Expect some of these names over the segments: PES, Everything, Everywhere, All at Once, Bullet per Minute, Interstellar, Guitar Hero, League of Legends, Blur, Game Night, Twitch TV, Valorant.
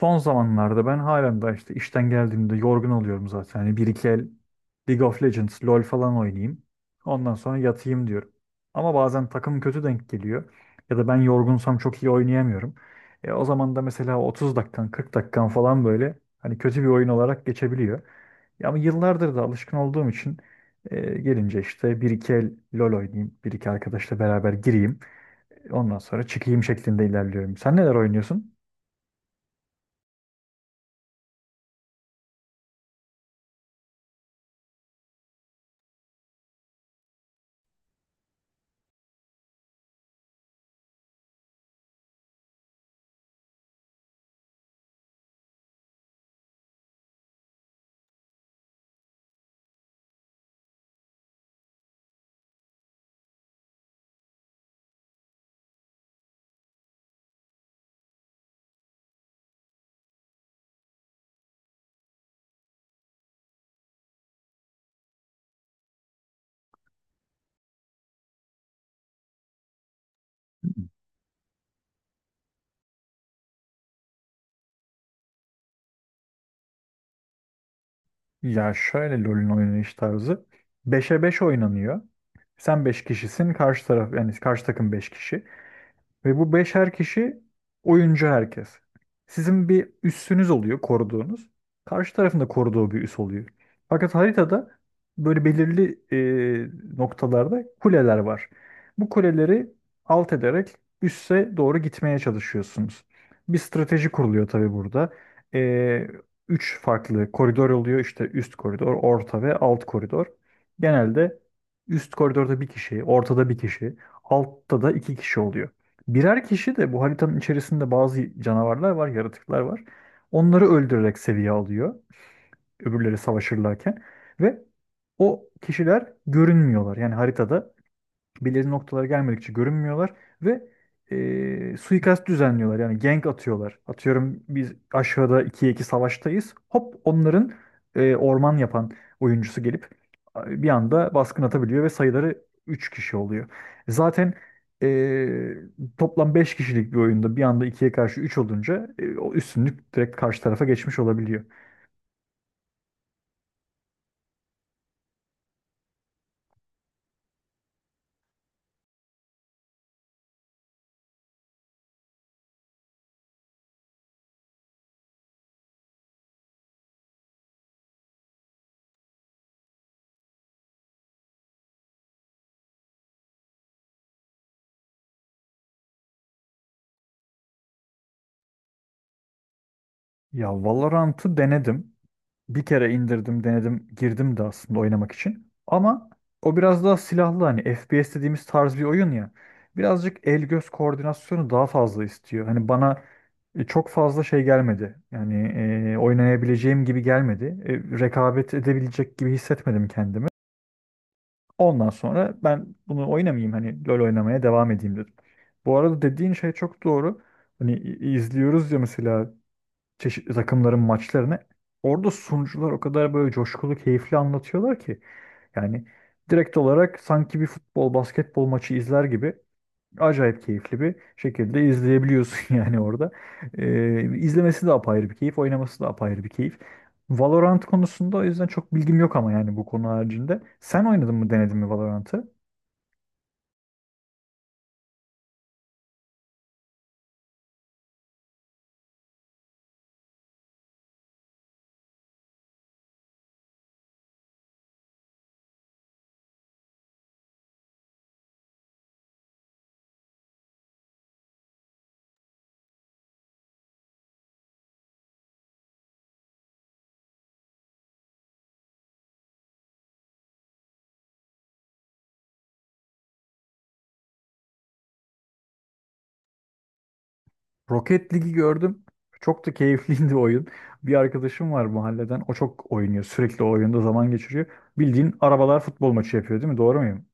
Son zamanlarda ben halen daha işte işten geldiğimde yorgun oluyorum zaten. Hani bir iki el League of Legends, LoL falan oynayayım. Ondan sonra yatayım diyorum. Ama bazen takım kötü denk geliyor. Ya da ben yorgunsam çok iyi oynayamıyorum. O zaman da mesela 30 dakikan, 40 dakikan falan böyle hani kötü bir oyun olarak geçebiliyor. Ya ama yıllardır da alışkın olduğum için gelince işte bir iki el LoL oynayayım. Bir iki arkadaşla beraber gireyim. Ondan sonra çıkayım şeklinde ilerliyorum. Sen neler oynuyorsun? Ya şöyle LoL'ün oynanış tarzı. Beşe 5 oynanıyor. Sen 5 kişisin, karşı taraf yani karşı takım 5 kişi. Ve bu beşer kişi oyuncu herkes. Sizin bir üssünüz oluyor koruduğunuz. Karşı tarafında koruduğu bir üs oluyor. Fakat haritada böyle belirli noktalarda kuleler var. Bu kuleleri alt ederek üsse doğru gitmeye çalışıyorsunuz. Bir strateji kuruluyor tabii burada. E, Üç farklı koridor oluyor. İşte üst koridor, orta ve alt koridor. Genelde üst koridorda bir kişi, ortada bir kişi, altta da iki kişi oluyor. Birer kişi de bu haritanın içerisinde bazı canavarlar var, yaratıklar var. Onları öldürerek seviye alıyor. Öbürleri savaşırlarken. Ve o kişiler görünmüyorlar. Yani haritada belirli noktalara gelmedikçe görünmüyorlar ve suikast düzenliyorlar. Yani gank atıyorlar. Atıyorum biz aşağıda ikiye 2 savaştayız. Hop onların orman yapan oyuncusu gelip bir anda baskın atabiliyor ve sayıları 3 kişi oluyor. Zaten e, toplam 5 kişilik bir oyunda bir anda ikiye karşı 3 olunca o üstünlük direkt karşı tarafa geçmiş olabiliyor. Ya Valorant'ı denedim. Bir kere indirdim, denedim, girdim de aslında oynamak için. Ama o biraz daha silahlı hani FPS dediğimiz tarz bir oyun ya. Birazcık el göz koordinasyonu daha fazla istiyor. Hani bana çok fazla şey gelmedi. Yani oynayabileceğim gibi gelmedi. Rekabet edebilecek gibi hissetmedim kendimi. Ondan sonra ben bunu oynamayayım hani LoL oynamaya devam edeyim dedim. Bu arada dediğin şey çok doğru. Hani izliyoruz ya mesela çeşitli takımların maçlarını. Orada sunucular o kadar böyle coşkulu, keyifli anlatıyorlar ki. Yani direkt olarak sanki bir futbol, basketbol maçı izler gibi acayip keyifli bir şekilde izleyebiliyorsun yani orada. İzlemesi de apayrı bir keyif, oynaması da apayrı bir keyif. Valorant konusunda o yüzden çok bilgim yok ama yani bu konu haricinde. Sen oynadın mı, denedin mi Valorant'ı? Rocket League'i gördüm. Çok da keyifliydi oyun. Bir arkadaşım var mahalleden. O çok oynuyor. Sürekli o oyunda zaman geçiriyor. Bildiğin arabalar futbol maçı yapıyor değil mi? Doğru muyum?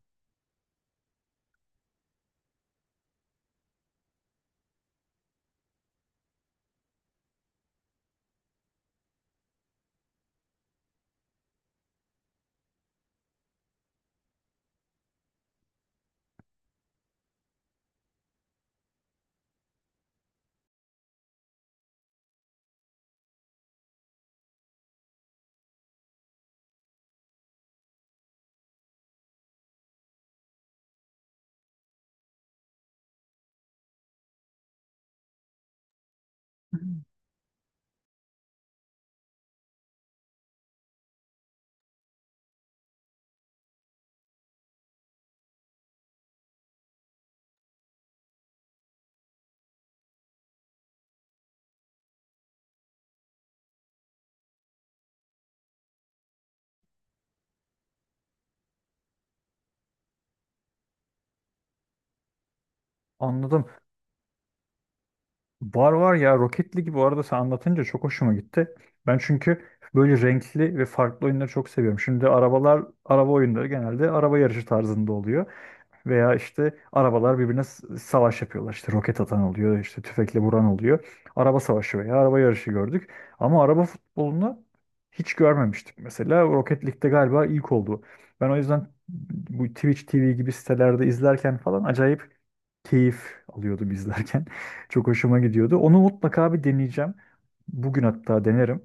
Anladım. Var var ya, Rocket League'i bu arada sen anlatınca çok hoşuma gitti. Ben çünkü böyle renkli ve farklı oyunları çok seviyorum. Şimdi arabalar, araba oyunları genelde araba yarışı tarzında oluyor. Veya işte arabalar birbirine savaş yapıyorlar. İşte roket atan oluyor, işte tüfekle vuran oluyor. Araba savaşı veya araba yarışı gördük. Ama araba futbolunu hiç görmemiştik mesela. Rocket League'de galiba ilk oldu. Ben o yüzden bu Twitch TV gibi sitelerde izlerken falan acayip keyif alıyordum izlerken. Çok hoşuma gidiyordu. Onu mutlaka bir deneyeceğim. Bugün hatta denerim.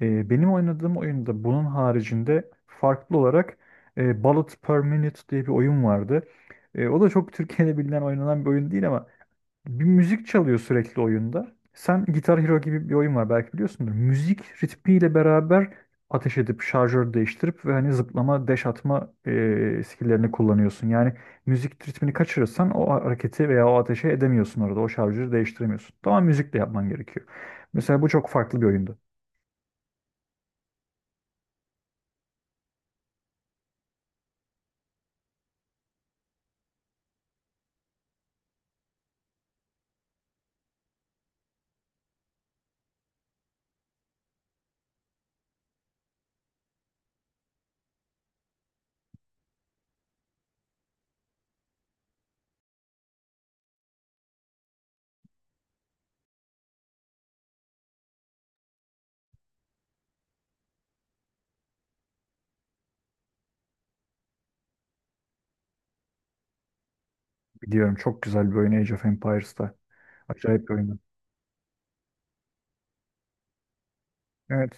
Benim oynadığım oyunda bunun haricinde farklı olarak Bullet per Minute diye bir oyun vardı. O da çok Türkiye'de bilinen oynanan bir oyun değil ama bir müzik çalıyor sürekli oyunda. Sen Guitar Hero gibi bir oyun var belki biliyorsundur. Müzik ritmiyle beraber ateş edip şarjör değiştirip ve hani zıplama, dash atma skill'lerini kullanıyorsun. Yani müzik ritmini kaçırırsan o hareketi veya o ateşe edemiyorsun orada. O şarjörü değiştiremiyorsun. Tamam müzikle yapman gerekiyor. Mesela bu çok farklı bir oyundu. Biliyorum, çok güzel bir oyun Age of Empires'ta. Acayip bir oyundu. Evet.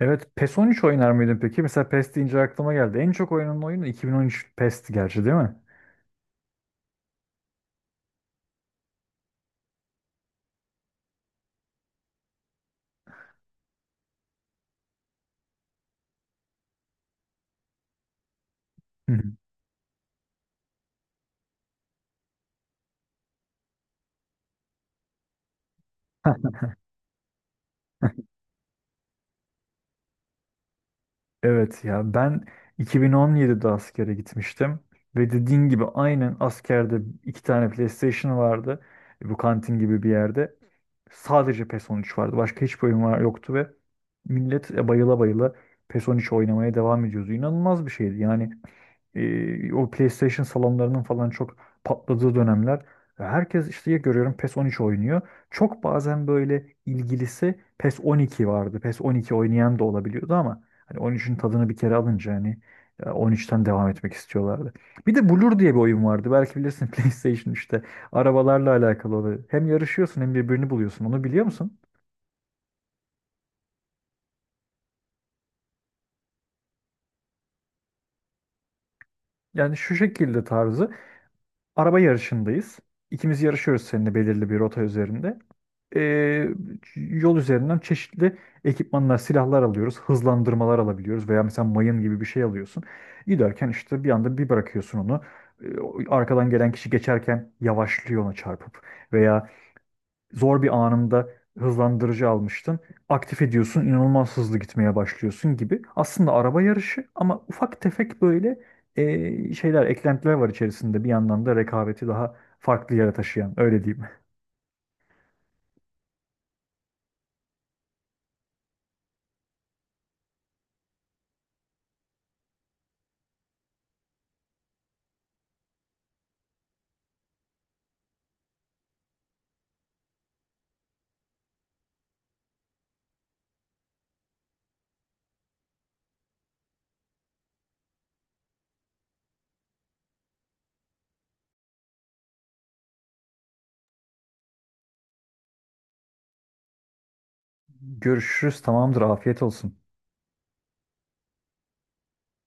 Evet, PES on üç oynar mıydın peki? Mesela PES deyince aklıma geldi. En çok oynanan oyun 2013 PES'ti gerçi değil mi? Heh, evet ya ben 2017'de askere gitmiştim ve dediğin gibi aynen askerde iki tane PlayStation vardı. E, Bu kantin gibi bir yerde. Sadece PES 13 vardı. Başka hiçbir oyun var yoktu ve millet bayıla bayıla PES 13 oynamaya devam ediyordu. İnanılmaz bir şeydi. Yani o PlayStation salonlarının falan çok patladığı dönemler. Herkes işte ya görüyorum PES 13 oynuyor. Çok bazen böyle ilgilisi PES 12 vardı. PES 12 oynayan da olabiliyordu ama hani 13'ün tadını bir kere alınca hani 13'ten devam etmek istiyorlardı. Bir de Blur diye bir oyun vardı. Belki bilirsin PlayStation işte arabalarla alakalı oluyor. Hem yarışıyorsun hem birbirini buluyorsun. Onu biliyor musun? Yani şu şekilde tarzı araba yarışındayız. İkimiz yarışıyoruz seninle belirli bir rota üzerinde. e, Yol üzerinden çeşitli ekipmanlar, silahlar alıyoruz. Hızlandırmalar alabiliyoruz veya mesela mayın gibi bir şey alıyorsun. Giderken işte bir anda bir bırakıyorsun onu. Arkadan gelen kişi geçerken yavaşlıyor ona çarpıp veya zor bir anında hızlandırıcı almıştın. Aktif ediyorsun, inanılmaz hızlı gitmeye başlıyorsun gibi. Aslında araba yarışı ama ufak tefek böyle şeyler, eklentiler var içerisinde. Bir yandan da rekabeti daha farklı yere taşıyan, öyle diyeyim. Görüşürüz, tamamdır, afiyet olsun.